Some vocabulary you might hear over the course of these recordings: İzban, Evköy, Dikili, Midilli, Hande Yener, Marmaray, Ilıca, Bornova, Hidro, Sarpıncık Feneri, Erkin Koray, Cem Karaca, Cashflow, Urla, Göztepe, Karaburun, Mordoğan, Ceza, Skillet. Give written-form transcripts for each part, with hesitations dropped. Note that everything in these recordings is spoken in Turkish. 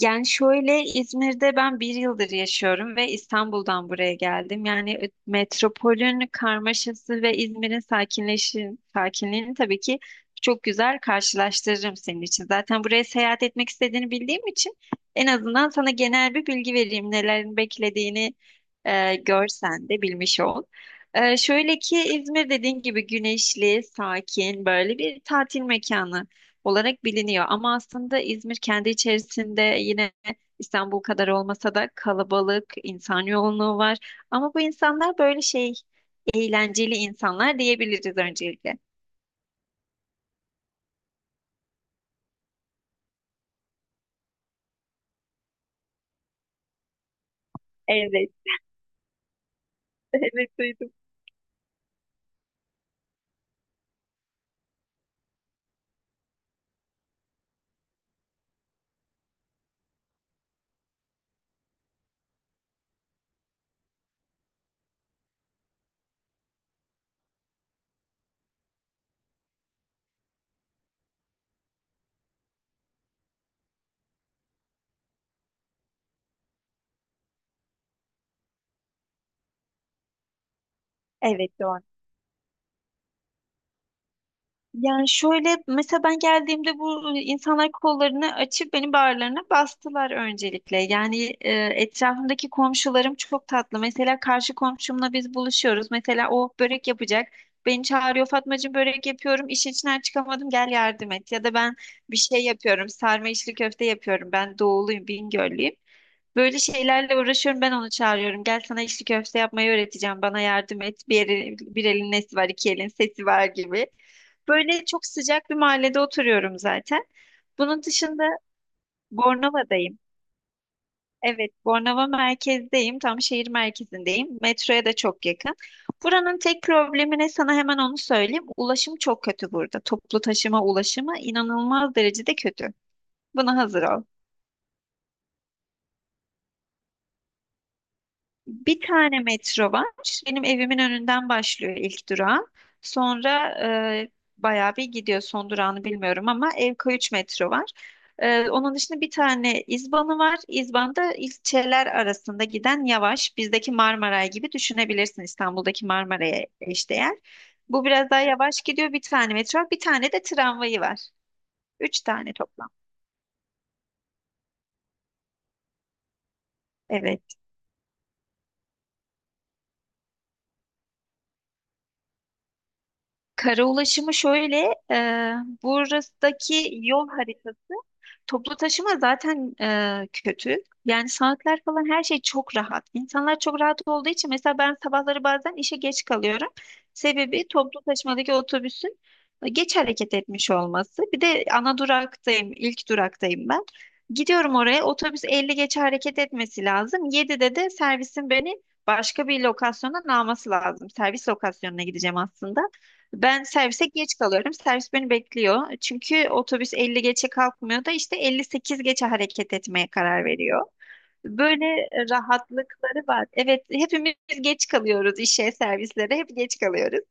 Yani şöyle İzmir'de ben bir yıldır yaşıyorum ve İstanbul'dan buraya geldim. Yani metropolün karmaşası ve İzmir'in sakinliğini tabii ki çok güzel karşılaştırırım senin için. Zaten buraya seyahat etmek istediğini bildiğim için en azından sana genel bir bilgi vereyim. Nelerin beklediğini görsen de bilmiş ol. Şöyle ki İzmir dediğin gibi güneşli, sakin, böyle bir tatil mekanı olarak biliniyor. Ama aslında İzmir kendi içerisinde yine İstanbul kadar olmasa da kalabalık, insan yoğunluğu var. Ama bu insanlar böyle şey eğlenceli insanlar diyebiliriz öncelikle. Evet, evet duydum. Evet, doğru. Yani şöyle mesela ben geldiğimde bu insanlar kollarını açıp benim bağırlarına bastılar öncelikle. Yani etrafımdaki komşularım çok tatlı. Mesela karşı komşumla biz buluşuyoruz. Mesela o börek yapacak. Beni çağırıyor, Fatmacığım börek yapıyorum. İşin içinden çıkamadım, gel yardım et. Ya da ben bir şey yapıyorum. Sarma, içli köfte yapıyorum. Ben doğuluyum, Bingöllüyüm. Böyle şeylerle uğraşıyorum, ben onu çağırıyorum. Gel sana içli köfte yapmayı öğreteceğim, bana yardım et. Bir elin nesi var, iki elin sesi var gibi. Böyle çok sıcak bir mahallede oturuyorum zaten. Bunun dışında Bornova'dayım. Evet, Bornova merkezdeyim. Tam şehir merkezindeyim. Metroya da çok yakın. Buranın tek problemi ne sana hemen onu söyleyeyim. Ulaşım çok kötü burada. Toplu taşıma ulaşımı inanılmaz derecede kötü. Buna hazır ol. Bir tane metro var. Benim evimin önünden başlıyor ilk durağı. Sonra e, bayağı bir gidiyor, son durağını bilmiyorum ama Evköy 3 metro var. Onun dışında bir tane İzban'ı var. İzban'da ilçeler arasında giden yavaş. Bizdeki Marmaray gibi düşünebilirsin, İstanbul'daki Marmaray'a eşdeğer. Bu biraz daha yavaş gidiyor. Bir tane metro var. Bir tane de tramvayı var. Üç tane toplam. Evet. Kara ulaşımı şöyle, buradaki yol haritası toplu taşıma zaten kötü. Yani saatler falan her şey çok rahat. İnsanlar çok rahat olduğu için mesela ben sabahları bazen işe geç kalıyorum. Sebebi toplu taşımadaki otobüsün geç hareket etmiş olması. Bir de ana duraktayım, ilk duraktayım ben. Gidiyorum oraya, otobüs 50 geç hareket etmesi lazım. 7'de de servisin beni başka bir lokasyondan alması lazım. Servis lokasyonuna gideceğim aslında. Ben servise geç kalıyorum. Servis beni bekliyor. Çünkü otobüs 50 geçe kalkmıyor da işte 58 geçe hareket etmeye karar veriyor. Böyle rahatlıkları var. Evet, hepimiz geç kalıyoruz işe, servislere hep geç kalıyoruz.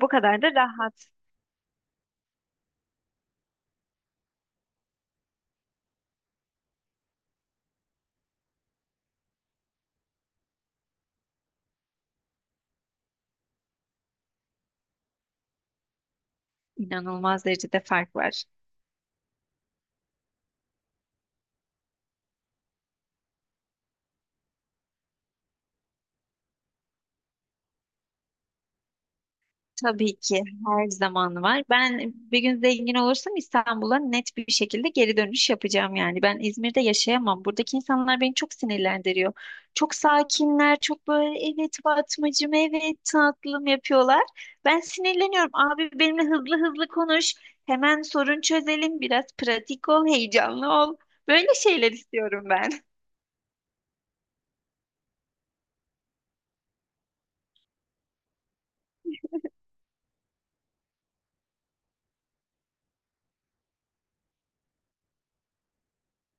Bu kadar da rahat. İnanılmaz derecede fark var. Tabii ki her zaman var. Ben bir gün zengin olursam İstanbul'a net bir şekilde geri dönüş yapacağım yani. Ben İzmir'de yaşayamam. Buradaki insanlar beni çok sinirlendiriyor. Çok sakinler, çok böyle evet Fatmacığım, evet tatlım yapıyorlar. Ben sinirleniyorum. Abi benimle hızlı hızlı konuş. Hemen sorun çözelim. Biraz pratik ol, heyecanlı ol. Böyle şeyler istiyorum ben.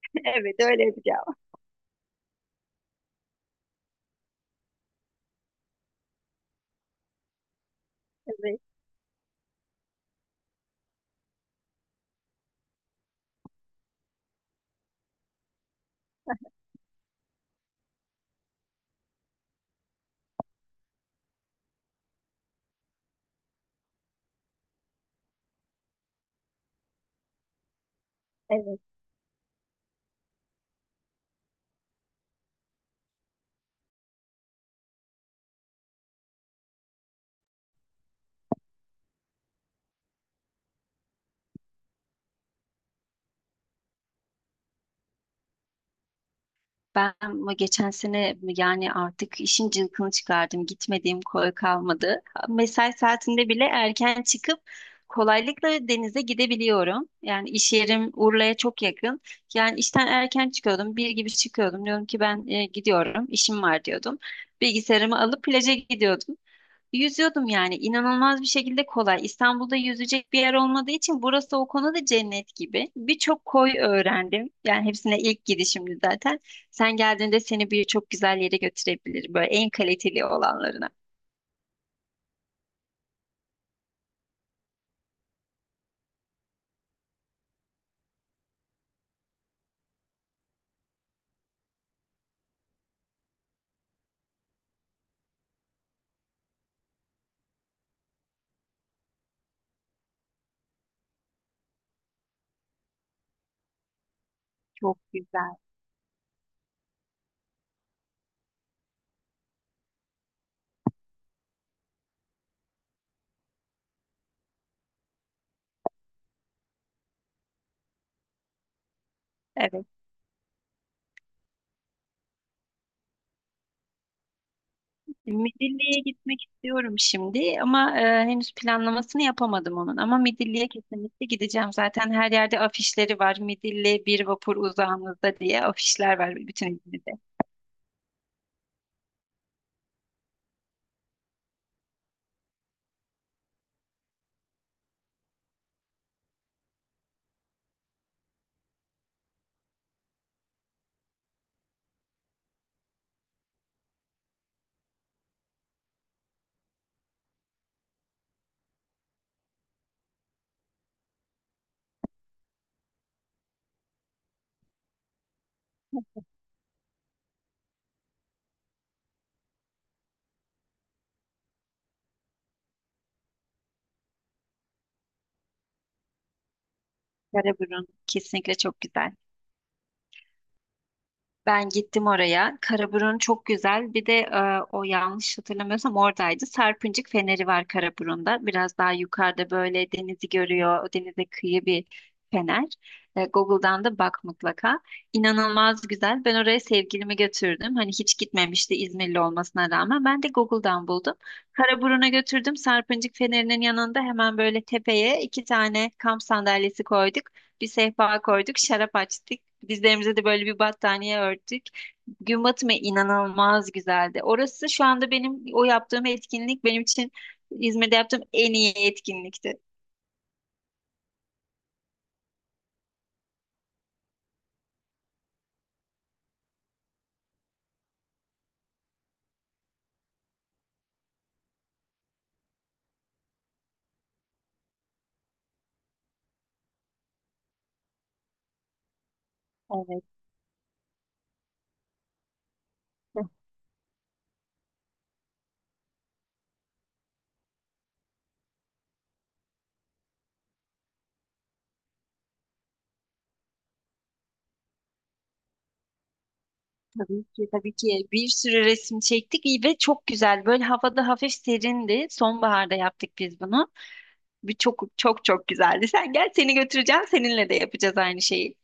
Evet, öyle yapacağım. Evet, evet. Ben bu geçen sene yani artık işin cılkını çıkardım. Gitmediğim koy kalmadı. Mesai saatinde bile erken çıkıp kolaylıkla denize gidebiliyorum. Yani iş yerim Urla'ya çok yakın. Yani işten erken çıkıyordum. Bir gibi çıkıyordum. Diyorum ki ben gidiyorum, işim var diyordum. Bilgisayarımı alıp plaja gidiyordum. Yüzüyordum yani inanılmaz bir şekilde kolay. İstanbul'da yüzecek bir yer olmadığı için burası o konuda cennet gibi. Birçok koy öğrendim. Yani hepsine ilk gidişimdi zaten. Sen geldiğinde seni birçok güzel yere götürebilir. Böyle en kaliteli olanlarına. Çok güzel. Evet. Midilli'ye gitmek istiyorum şimdi ama henüz planlamasını yapamadım onun. Ama Midilli'ye kesinlikle gideceğim. Zaten her yerde afişleri var. Midilli bir vapur uzağınızda diye afişler var bütün İzmir'de. Karaburun kesinlikle çok güzel. Ben gittim oraya. Karaburun çok güzel. Bir de o, yanlış hatırlamıyorsam oradaydı. Sarpıncık Feneri var Karaburun'da. Biraz daha yukarıda böyle, denizi görüyor. O denize kıyı bir fener. Google'dan da bak mutlaka. İnanılmaz güzel. Ben oraya sevgilimi götürdüm. Hani hiç gitmemişti İzmirli olmasına rağmen. Ben de Google'dan buldum. Karaburun'a götürdüm. Sarpıncık Feneri'nin yanında hemen böyle tepeye iki tane kamp sandalyesi koyduk. Bir sehpa koyduk, şarap açtık. Dizlerimize de böyle bir battaniye örttük. Gün batımı inanılmaz güzeldi. Orası şu anda benim, o yaptığım etkinlik benim için İzmir'de yaptığım en iyi etkinlikti. Evet, tabii ki tabii ki bir sürü resim çektik ve çok güzel. Böyle havada hafif serindi. Sonbaharda yaptık biz bunu. Bir çok çok çok güzeldi. Sen gel, seni götüreceğim. Seninle de yapacağız aynı şeyi.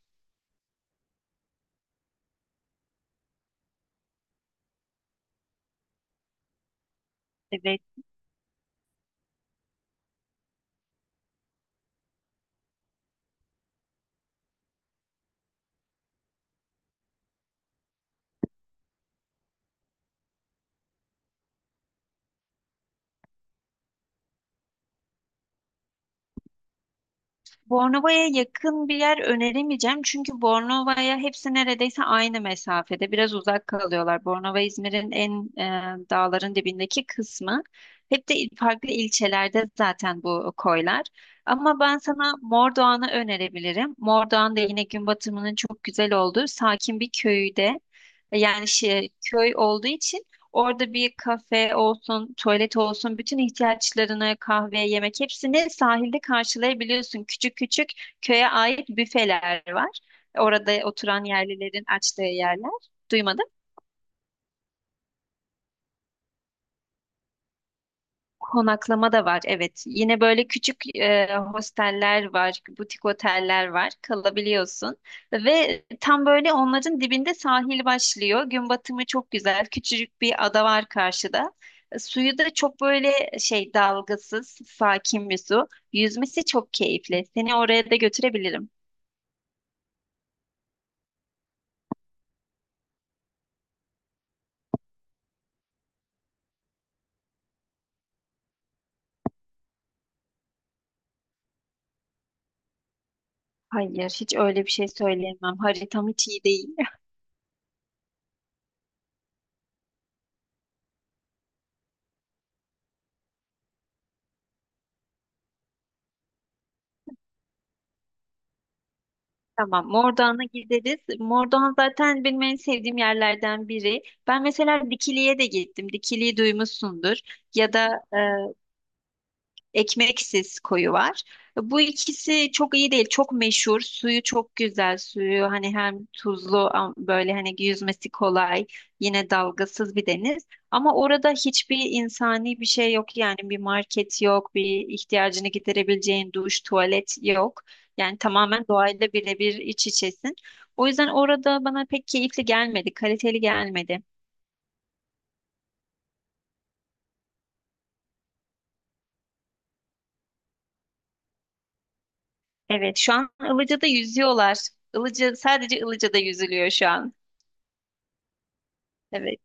Evet. Bornova'ya yakın bir yer öneremeyeceğim çünkü Bornova'ya hepsi neredeyse aynı mesafede. Biraz uzak kalıyorlar. Bornova İzmir'in en e, dağların dibindeki kısmı. Hep de farklı ilçelerde zaten bu koylar. Ama ben sana Mordoğan'ı önerebilirim. Mordoğan da yine gün batımının çok güzel olduğu sakin bir köyde. Yani şey, köy olduğu için orada bir kafe olsun, tuvalet olsun, bütün ihtiyaçlarını kahve, yemek hepsini sahilde karşılayabiliyorsun. Küçük küçük köye ait büfeler var. Orada oturan yerlilerin açtığı yerler. Duymadın konaklama da var, evet. Yine böyle küçük hosteller var, butik oteller var, kalabiliyorsun. Ve tam böyle onların dibinde sahil başlıyor. Gün batımı çok güzel, küçücük bir ada var karşıda. Suyu da çok böyle şey, dalgasız, sakin bir su. Yüzmesi çok keyifli. Seni oraya da götürebilirim. Hayır, hiç öyle bir şey söyleyemem. Haritam hiç iyi değil. Tamam, Mordoğan'a gideriz. Mordoğan zaten benim en sevdiğim yerlerden biri. Ben mesela Dikili'ye de gittim. Dikili'yi duymuşsundur. Ya da ekmeksiz koyu var. Bu ikisi çok iyi değil, çok meşhur. Suyu çok güzel, suyu hani hem tuzlu, böyle hani yüzmesi kolay, yine dalgasız bir deniz. Ama orada hiçbir insani bir şey yok yani, bir market yok, bir ihtiyacını giderebileceğin duş, tuvalet yok. Yani tamamen doğayla birebir iç içesin. O yüzden orada bana pek keyifli gelmedi, kaliteli gelmedi. Evet, şu an Ilıca'da yüzüyorlar. Ilıca, sadece Ilıca'da yüzülüyor şu an. Evet.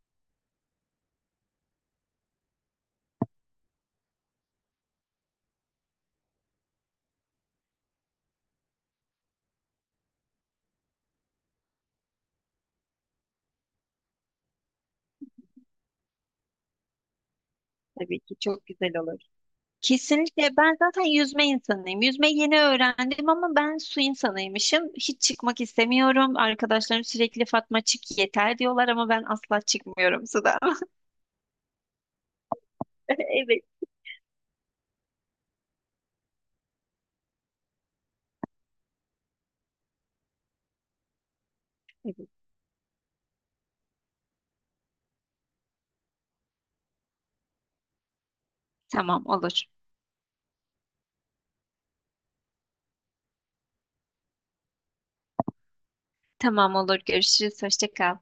Tabii ki çok güzel olur. Kesinlikle ben zaten yüzme insanıyım. Yüzmeyi yeni öğrendim ama ben su insanıymışım. Hiç çıkmak istemiyorum. Arkadaşlarım sürekli Fatma çık yeter diyorlar ama ben asla çıkmıyorum sudan. Evet. Evet. Tamam olur. Tamam olur. Görüşürüz. Hoşça kal.